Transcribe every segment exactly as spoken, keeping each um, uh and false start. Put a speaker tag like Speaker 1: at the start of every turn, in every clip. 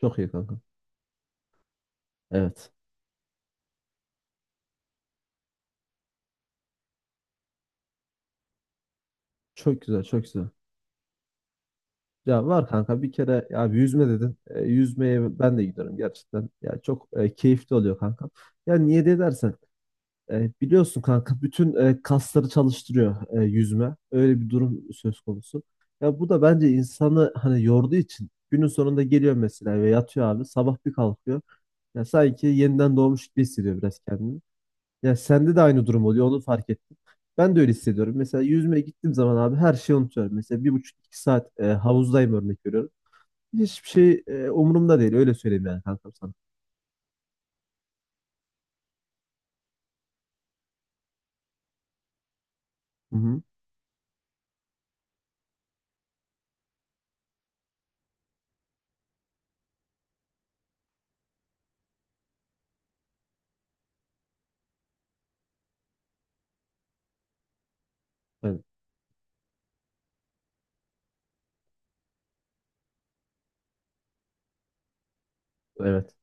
Speaker 1: Çok iyi kanka. Evet. Çok güzel, çok güzel. Ya var kanka bir kere ya bir yüzme dedin. E, yüzmeye ben de gidiyorum gerçekten. Ya çok e, keyifli oluyor kanka. Ya niye de dersen e, biliyorsun kanka bütün e, kasları çalıştırıyor e, yüzme. Öyle bir durum söz konusu. Ya bu da bence insanı hani yorduğu için günün sonunda geliyor mesela ve yatıyor abi sabah bir kalkıyor. Ya sanki yeniden doğmuş gibi hissediyor biraz kendini. Ya sende de aynı durum oluyor onu fark ettim. Ben de öyle hissediyorum. Mesela yüzmeye gittiğim zaman abi her şeyi unutuyorum. Mesela bir buçuk iki saat e, havuzdayım örnek veriyorum. Hiçbir şey e, umurumda değil öyle söyleyeyim yani kankam sana. Hı hı. Evet, evet.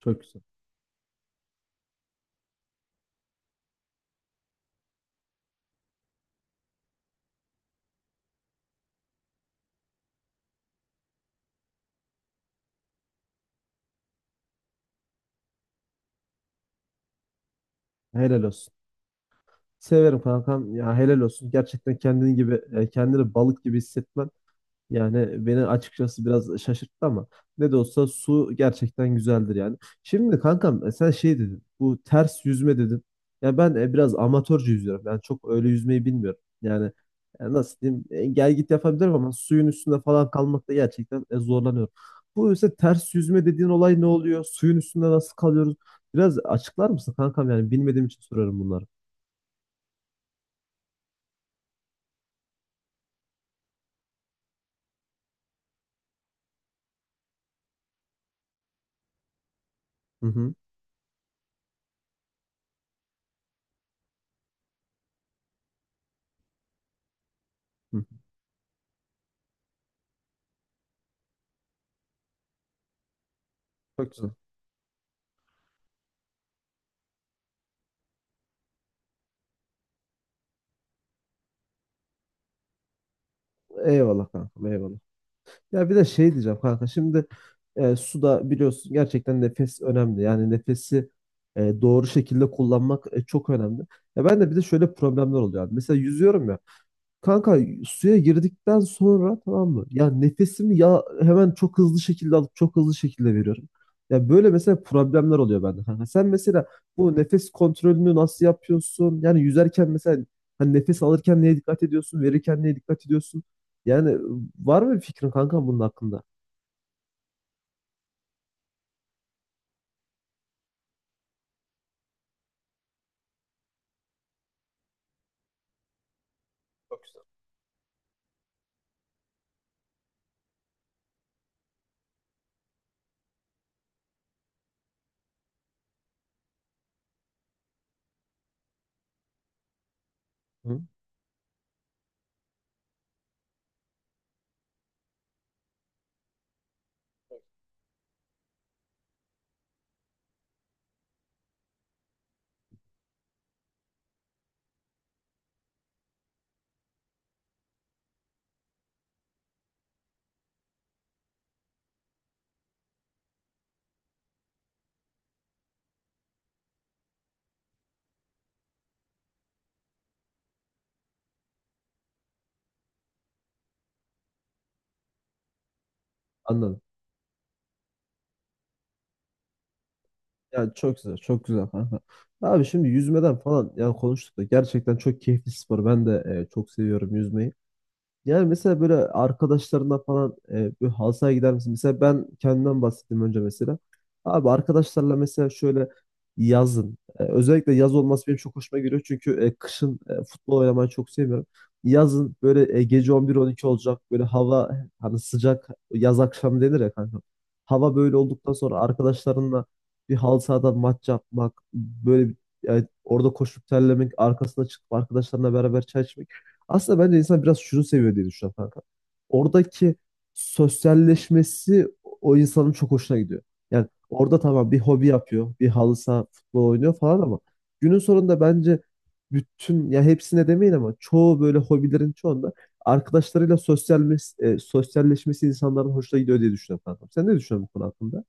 Speaker 1: Çok güzel. Helal olsun. Severim kankam. Ya helal olsun. Gerçekten kendin gibi e, kendini balık gibi hissetmen. Yani beni açıkçası biraz şaşırttı ama ne de olsa su gerçekten güzeldir yani. Şimdi kankam, e, sen şey dedin, bu ters yüzme dedin. Ya ben e, biraz amatörce yüzüyorum. Yani çok öyle yüzmeyi bilmiyorum. Yani e, nasıl diyeyim, e, gel git yapabilirim ama suyun üstünde falan kalmakta gerçekten e, zorlanıyorum. Bu ise ters yüzme dediğin olay ne oluyor? Suyun üstünde nasıl kalıyoruz? Biraz açıklar mısın kankam yani bilmediğim için soruyorum bunları. Hı hı. Hı. Çok güzel. Eyvallah kankam eyvallah. Ya bir de şey diyeceğim kanka. Şimdi e, suda biliyorsun gerçekten nefes önemli. Yani nefesi e, doğru şekilde kullanmak e, çok önemli. Ya ben de bir de şöyle problemler oluyor abi. Mesela yüzüyorum ya. Kanka, suya girdikten sonra tamam mı? Ya nefesimi ya hemen çok hızlı şekilde alıp çok hızlı şekilde veriyorum. Ya böyle mesela problemler oluyor bende kanka. Sen mesela bu nefes kontrolünü nasıl yapıyorsun? Yani yüzerken mesela hani nefes alırken neye dikkat ediyorsun? Verirken neye dikkat ediyorsun? Yani var mı bir fikrin kanka bunun hakkında? Çok güzel. Hı, anladım. Yani çok güzel, çok güzel kanka. Abi şimdi yüzmeden falan yani konuştuk da gerçekten çok keyifli spor. Ben de e, çok seviyorum yüzmeyi. Yani mesela böyle arkadaşlarına falan e, böyle halı sahaya gider misin? Mesela ben kendimden bahsettim önce mesela. Abi arkadaşlarla mesela şöyle yazın. E, özellikle yaz olması benim çok hoşuma gidiyor. Çünkü e, kışın e, futbol oynamayı çok sevmiyorum. Yazın böyle e, gece on bir on iki olacak. Böyle hava hani sıcak yaz akşamı denir ya kanka. Hava böyle olduktan sonra arkadaşlarınla bir halı sahada maç yapmak. Böyle bir, e, orada koşup terlemek. Arkasına çıkıp arkadaşlarına beraber çay içmek. Aslında bence insan biraz şunu seviyor diye düşünüyorum kanka. Oradaki sosyalleşmesi o insanın çok hoşuna gidiyor. Yani orada tamam bir hobi yapıyor, bir halı saha futbol oynuyor falan ama günün sonunda bence bütün ya hepsine demeyin ama çoğu böyle hobilerin çoğunda arkadaşlarıyla sosyal, mes- e, sosyalleşmesi insanların hoşuna gidiyor diye düşünüyorum kankam. Sen ne düşünüyorsun bu konu hakkında?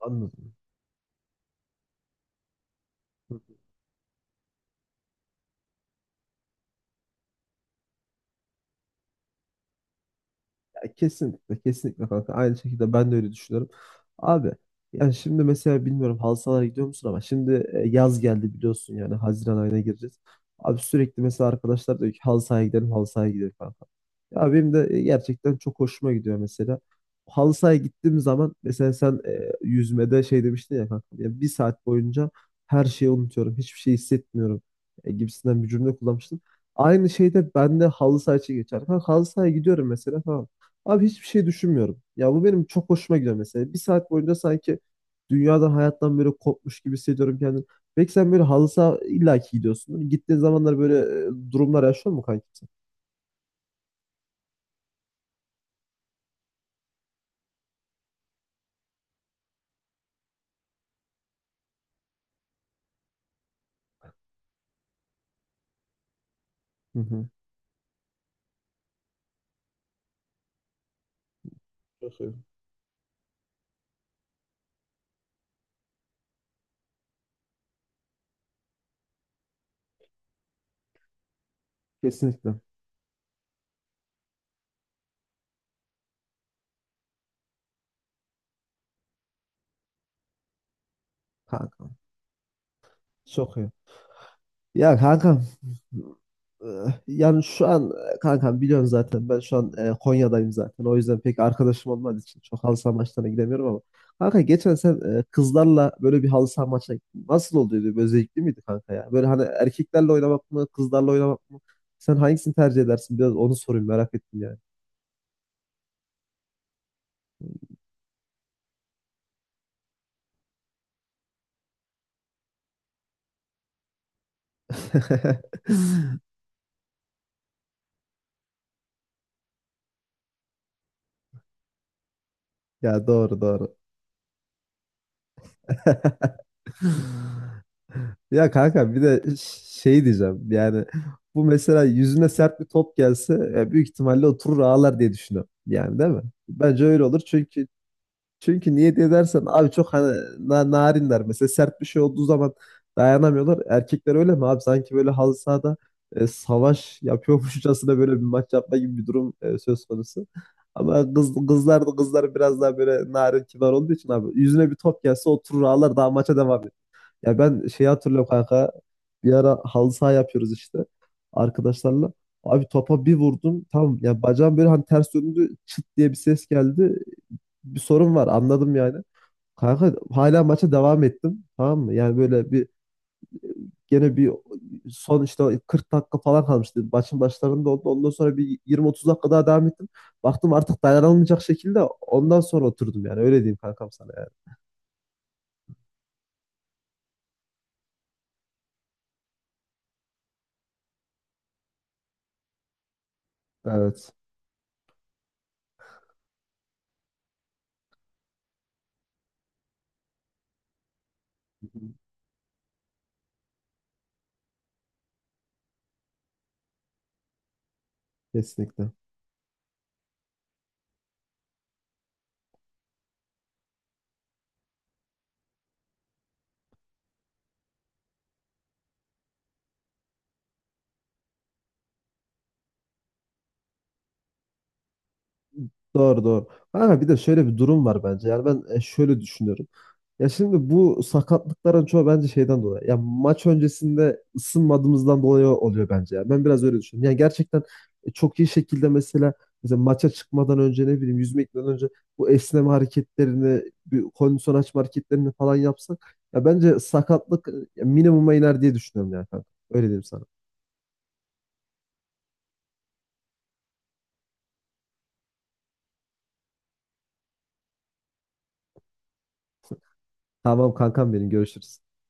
Speaker 1: Anladım. Ya kesinlikle, kesinlikle kanka. Aynı şekilde ben de öyle düşünüyorum. Abi, yani şimdi mesela bilmiyorum halı sahalara gidiyor musun ama şimdi e, yaz geldi biliyorsun yani Haziran ayına gireceğiz. Abi sürekli mesela arkadaşlar diyor ki halı sahaya gidelim, halı sahaya gidelim kanka. Ya benim de e, gerçekten çok hoşuma gidiyor mesela. Halı sahaya gittiğim zaman mesela sen e, yüzmede şey demiştin ya kanka. Ya bir saat boyunca her şeyi unutuyorum, hiçbir şey hissetmiyorum e, gibisinden bir cümle kullanmıştın. Aynı şeyde ben de halı saha için geçer. Kanka halı sahaya gidiyorum mesela tamam. Abi hiçbir şey düşünmüyorum. Ya bu benim çok hoşuma gidiyor mesela. Bir saat boyunca sanki dünyadan hayattan böyle kopmuş gibi hissediyorum kendimi. Belki sen böyle halı saha illaki gidiyorsun. Gittiğin zamanlar böyle e, durumlar yaşıyor mu kanki? Sen? Hı hı. Çok iyi. Kesinlikle. Kankam. Çok iyi. Ya kankam. Ee, Yani şu an, e, kankam biliyorsun zaten ben şu an e, Konya'dayım zaten. O yüzden pek arkadaşım olmadığı için çok halı saha maçlarına gidemiyorum ama. Kanka geçen sen e, kızlarla böyle bir halı saha maçına gittin. Nasıl oluyordu? Böyle zevkli miydi kanka ya? Böyle hani erkeklerle oynamak mı, kızlarla oynamak mı? Sen hangisini tercih edersin? Biraz onu sorayım merak ettim yani. Ya doğru doğru. Ya kanka bir de ş- şey diyeceğim yani bu mesela yüzüne sert bir top gelse e, büyük ihtimalle oturur ağlar diye düşünüyorum. Yani değil mi? Bence öyle olur çünkü çünkü niye diye dersen abi çok hani na- narinler mesela sert bir şey olduğu zaman dayanamıyorlar. Erkekler öyle mi abi sanki böyle halı sahada e, savaş yapıyormuşçasına böyle bir maç yapma gibi bir durum e, söz konusu. Ama kız, kızlar da kızlar biraz daha böyle narin kibar olduğu için abi yüzüne bir top gelse oturur ağlar daha maça devam. Ya ben şeyi hatırlıyorum kanka. Bir ara halı saha yapıyoruz işte arkadaşlarla. Abi topa bir vurdum. Tamam ya bacağım böyle hani ters döndü. Çıt diye bir ses geldi. Bir sorun var anladım yani. Kanka hala maça devam ettim. Tamam mı? Yani böyle bir gene bir son işte o kırk dakika falan kalmıştı. Maçın başlarında oldu. Ondan sonra bir yirmi otuz dakika daha devam ettim. Baktım artık dayanılmayacak şekilde ondan sonra oturdum yani. Öyle diyeyim kankam sana yani. Evet. Kesinlikle. Doğru doğru. Ama bir de şöyle bir durum var bence. Yani ben e, şöyle düşünüyorum. Ya şimdi bu sakatlıkların çoğu bence şeyden dolayı. Ya maç öncesinde ısınmadığımızdan dolayı oluyor bence. Ya. Ben biraz öyle düşünüyorum. Yani gerçekten e, çok iyi şekilde mesela mesela maça çıkmadan önce ne bileyim yüzme gitmeden önce bu esneme hareketlerini, bir kondisyon açma hareketlerini falan yapsak ya bence sakatlık e, minimuma iner diye düşünüyorum yani kanka. Öyle diyeyim sana. Tamam kankam benim görüşürüz.